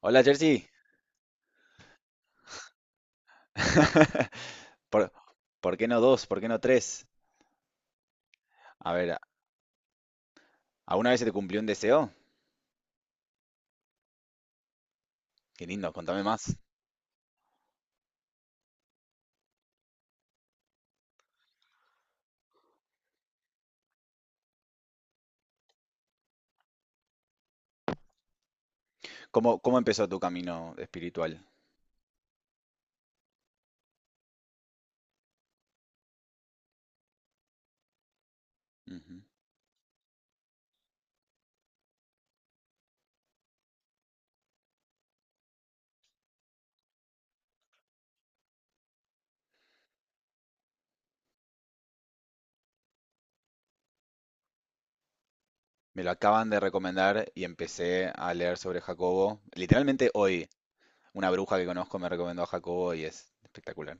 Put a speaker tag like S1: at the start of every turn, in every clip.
S1: Hola, Jersey. ¿Por, por qué no dos? ¿Por qué no tres? A ver, ¿alguna vez se te cumplió un deseo? Qué lindo, contame más. ¿Cómo empezó tu camino espiritual? Ujú. Me lo acaban de recomendar y empecé a leer sobre Jacobo. Literalmente hoy, una bruja que conozco me recomendó a Jacobo y es espectacular.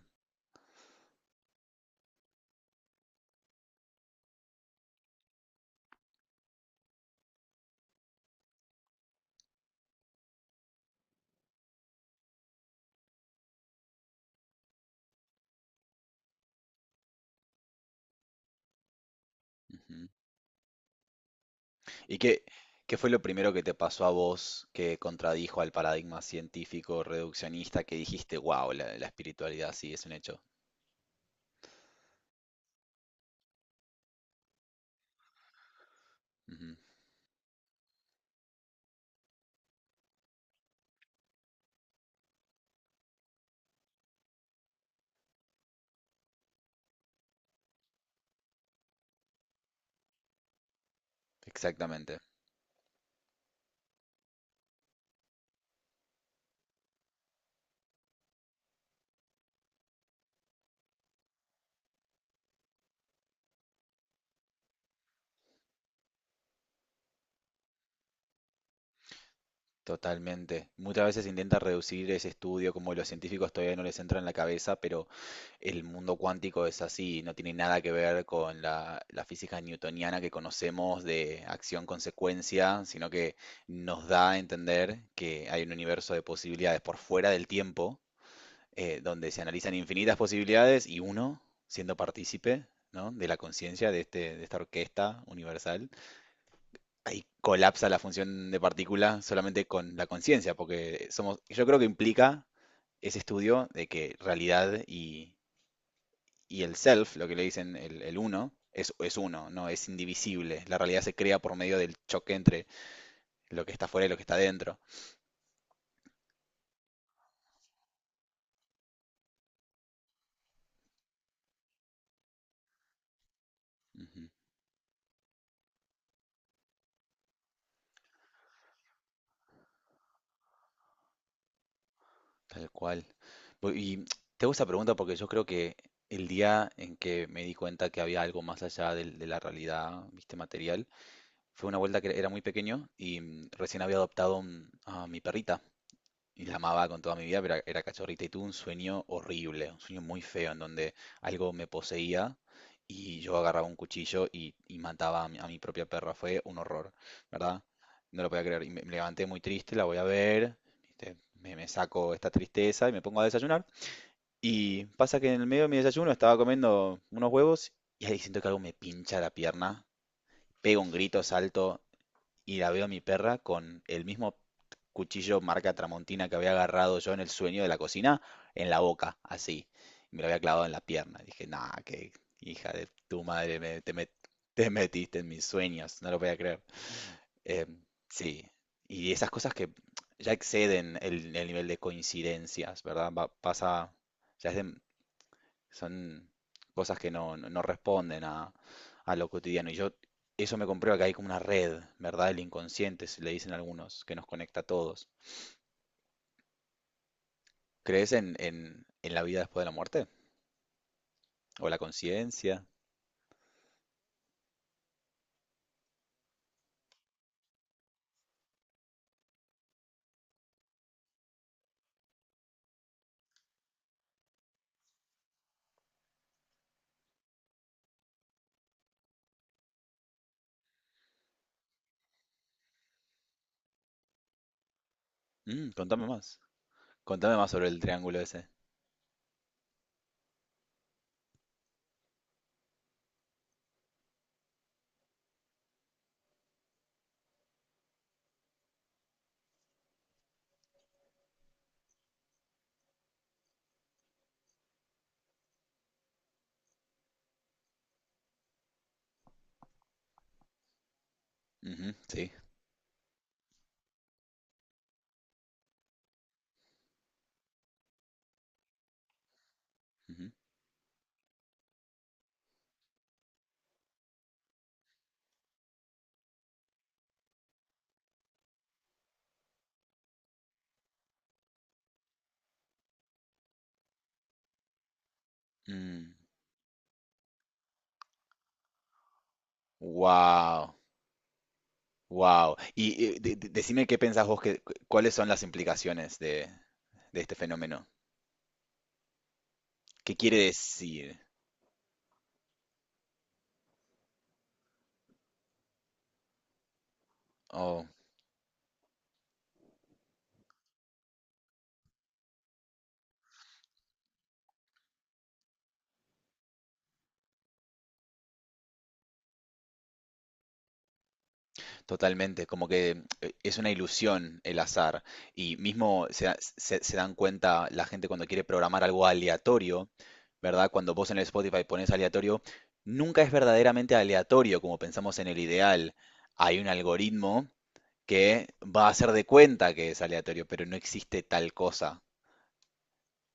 S1: Ujú. ¿Y qué fue lo primero que te pasó a vos que contradijo al paradigma científico reduccionista que dijiste, wow, la espiritualidad sí es un hecho? Ujú. Exactamente. Totalmente. Muchas veces intenta reducir ese estudio, como los científicos todavía no les entra en la cabeza, pero el mundo cuántico es así, no tiene nada que ver con la física newtoniana que conocemos de acción-consecuencia, sino que nos da a entender que hay un universo de posibilidades por fuera del tiempo, donde se analizan infinitas posibilidades y uno, siendo partícipe, ¿no? De la conciencia de este, de esta orquesta universal, ahí colapsa la función de partícula solamente con la conciencia, porque somos, yo creo que implica ese estudio de que realidad y el self, lo que le dicen el uno, es uno, no es indivisible. La realidad se crea por medio del choque entre lo que está fuera y lo que está dentro. Ujú, tal cual. Y te hago esta pregunta porque yo creo que el día en que me di cuenta que había algo más allá de la realidad, viste, material, fue una vuelta que era muy pequeño y recién había adoptado a mi perrita. Y la amaba con toda mi vida, pero era cachorrita y tuve un sueño horrible, un sueño muy feo en donde algo me poseía y yo agarraba un cuchillo y mataba a mi propia perra. Fue un horror, ¿verdad? No lo podía creer. Y me levanté muy triste, la voy a ver, ¿viste? Me saco esta tristeza y me pongo a desayunar. Y pasa que en el medio de mi desayuno estaba comiendo unos huevos y ahí siento que algo me pincha la pierna. Pego un grito, salto y la veo a mi perra con el mismo cuchillo marca Tramontina que había agarrado yo en el sueño de la cocina, en la boca, así. Me lo había clavado en la pierna. Dije, nah, que hija de tu madre, te metiste en mis sueños, no lo voy a creer. Eh, sí, y esas cosas que ya exceden el nivel de coincidencias, ¿verdad? Pasa, ya es de- son cosas que no, no responden a lo cotidiano. Y yo, eso me comprueba que hay como una red, ¿verdad? El inconsciente, se le dicen algunos, que nos conecta a todos. ¿Crees en, en la vida después de la muerte? ¿O la conciencia? Mm, contame más. Contame más sobre el triángulo ese. Ujú, sí. Ujú. Mm, wow, wow. Y decime qué pensás vos, que, cuáles son las implicaciones de este fenómeno. ¿Qué quiere decir? Oh. Totalmente, como que es una ilusión el azar. Y mismo se, se dan cuenta la gente cuando quiere programar algo aleatorio, ¿verdad? Cuando vos en el Spotify pones aleatorio, nunca es verdaderamente aleatorio como pensamos en el ideal. Hay un algoritmo que va a hacer de cuenta que es aleatorio, pero no existe tal cosa.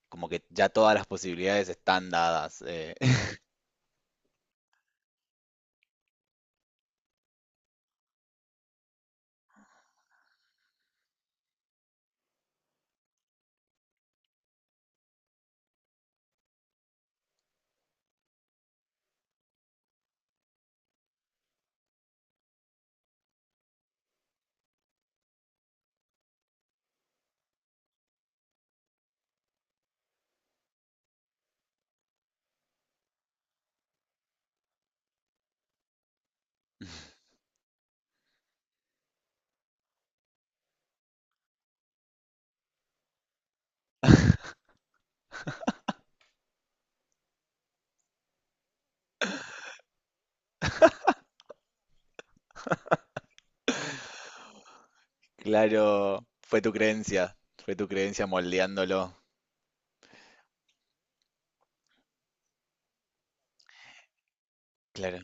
S1: Como que ya todas las posibilidades están dadas. Claro, fue tu creencia moldeándolo. Claro,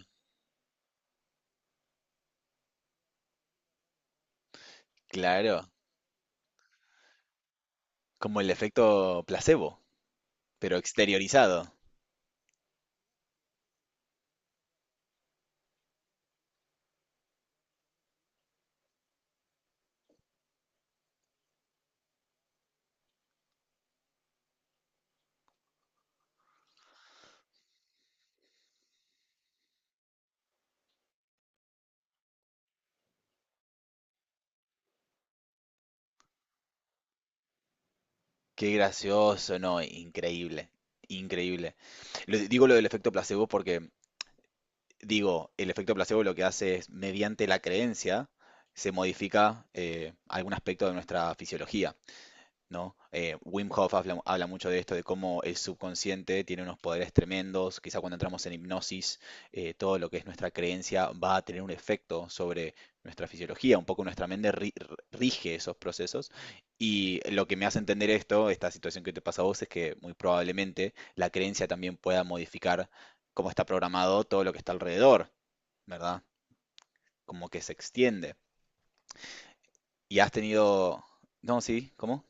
S1: claro. Como el efecto placebo, pero exteriorizado. Qué gracioso, no, increíble, increíble. Digo lo del efecto placebo porque, digo, el efecto placebo lo que hace es, mediante la creencia, se modifica algún aspecto de nuestra fisiología. ¿No? Wim Hof habla, habla mucho de esto, de cómo el subconsciente tiene unos poderes tremendos, quizá cuando entramos en hipnosis, todo lo que es nuestra creencia va a tener un efecto sobre nuestra fisiología, un poco nuestra mente rige esos procesos y lo que me hace entender esto, esta situación que te pasa a vos, es que muy probablemente la creencia también pueda modificar cómo está programado todo lo que está alrededor, ¿verdad? Como que se extiende. Y has tenido... No, sí, ¿cómo?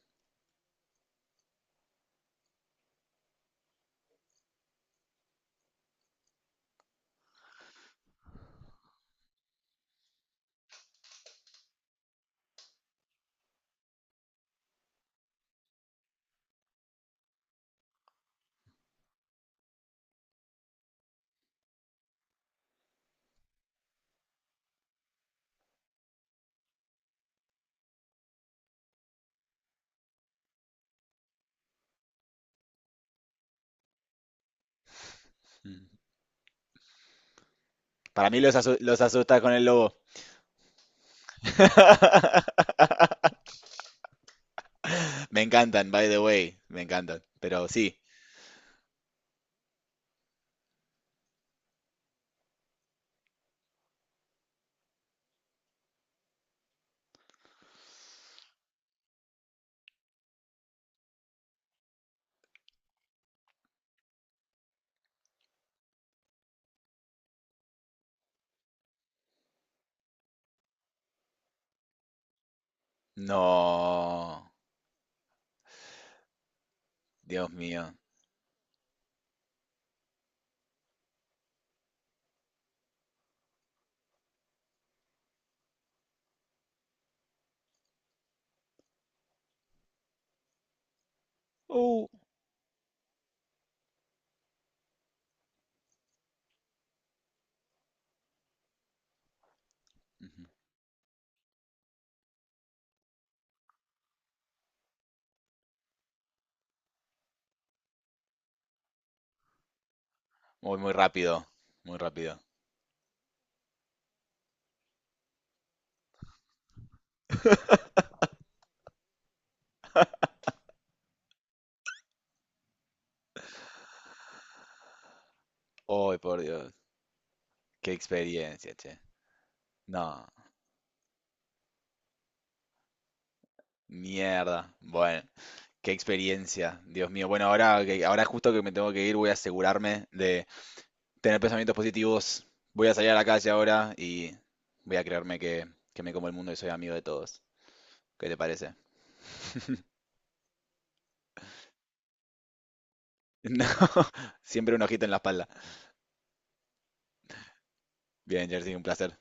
S1: Mm. Para mí los, los asusta con el lobo. Me encantan, by the way. Me encantan. Pero sí. No. Dios mío. Uh. Ujú. Muy, muy rápido. Muy rápido. Ay, por Dios. Qué experiencia, che. No. Mierda. Bueno, qué experiencia. Dios mío. Bueno, ahora, ahora justo que me tengo que ir, voy a asegurarme de tener pensamientos positivos. Voy a salir a la calle ahora y voy a creerme que me como el mundo y soy amigo de todos. ¿Qué te parece? No, siempre un ojito en la espalda. Bien, Jersey, un placer.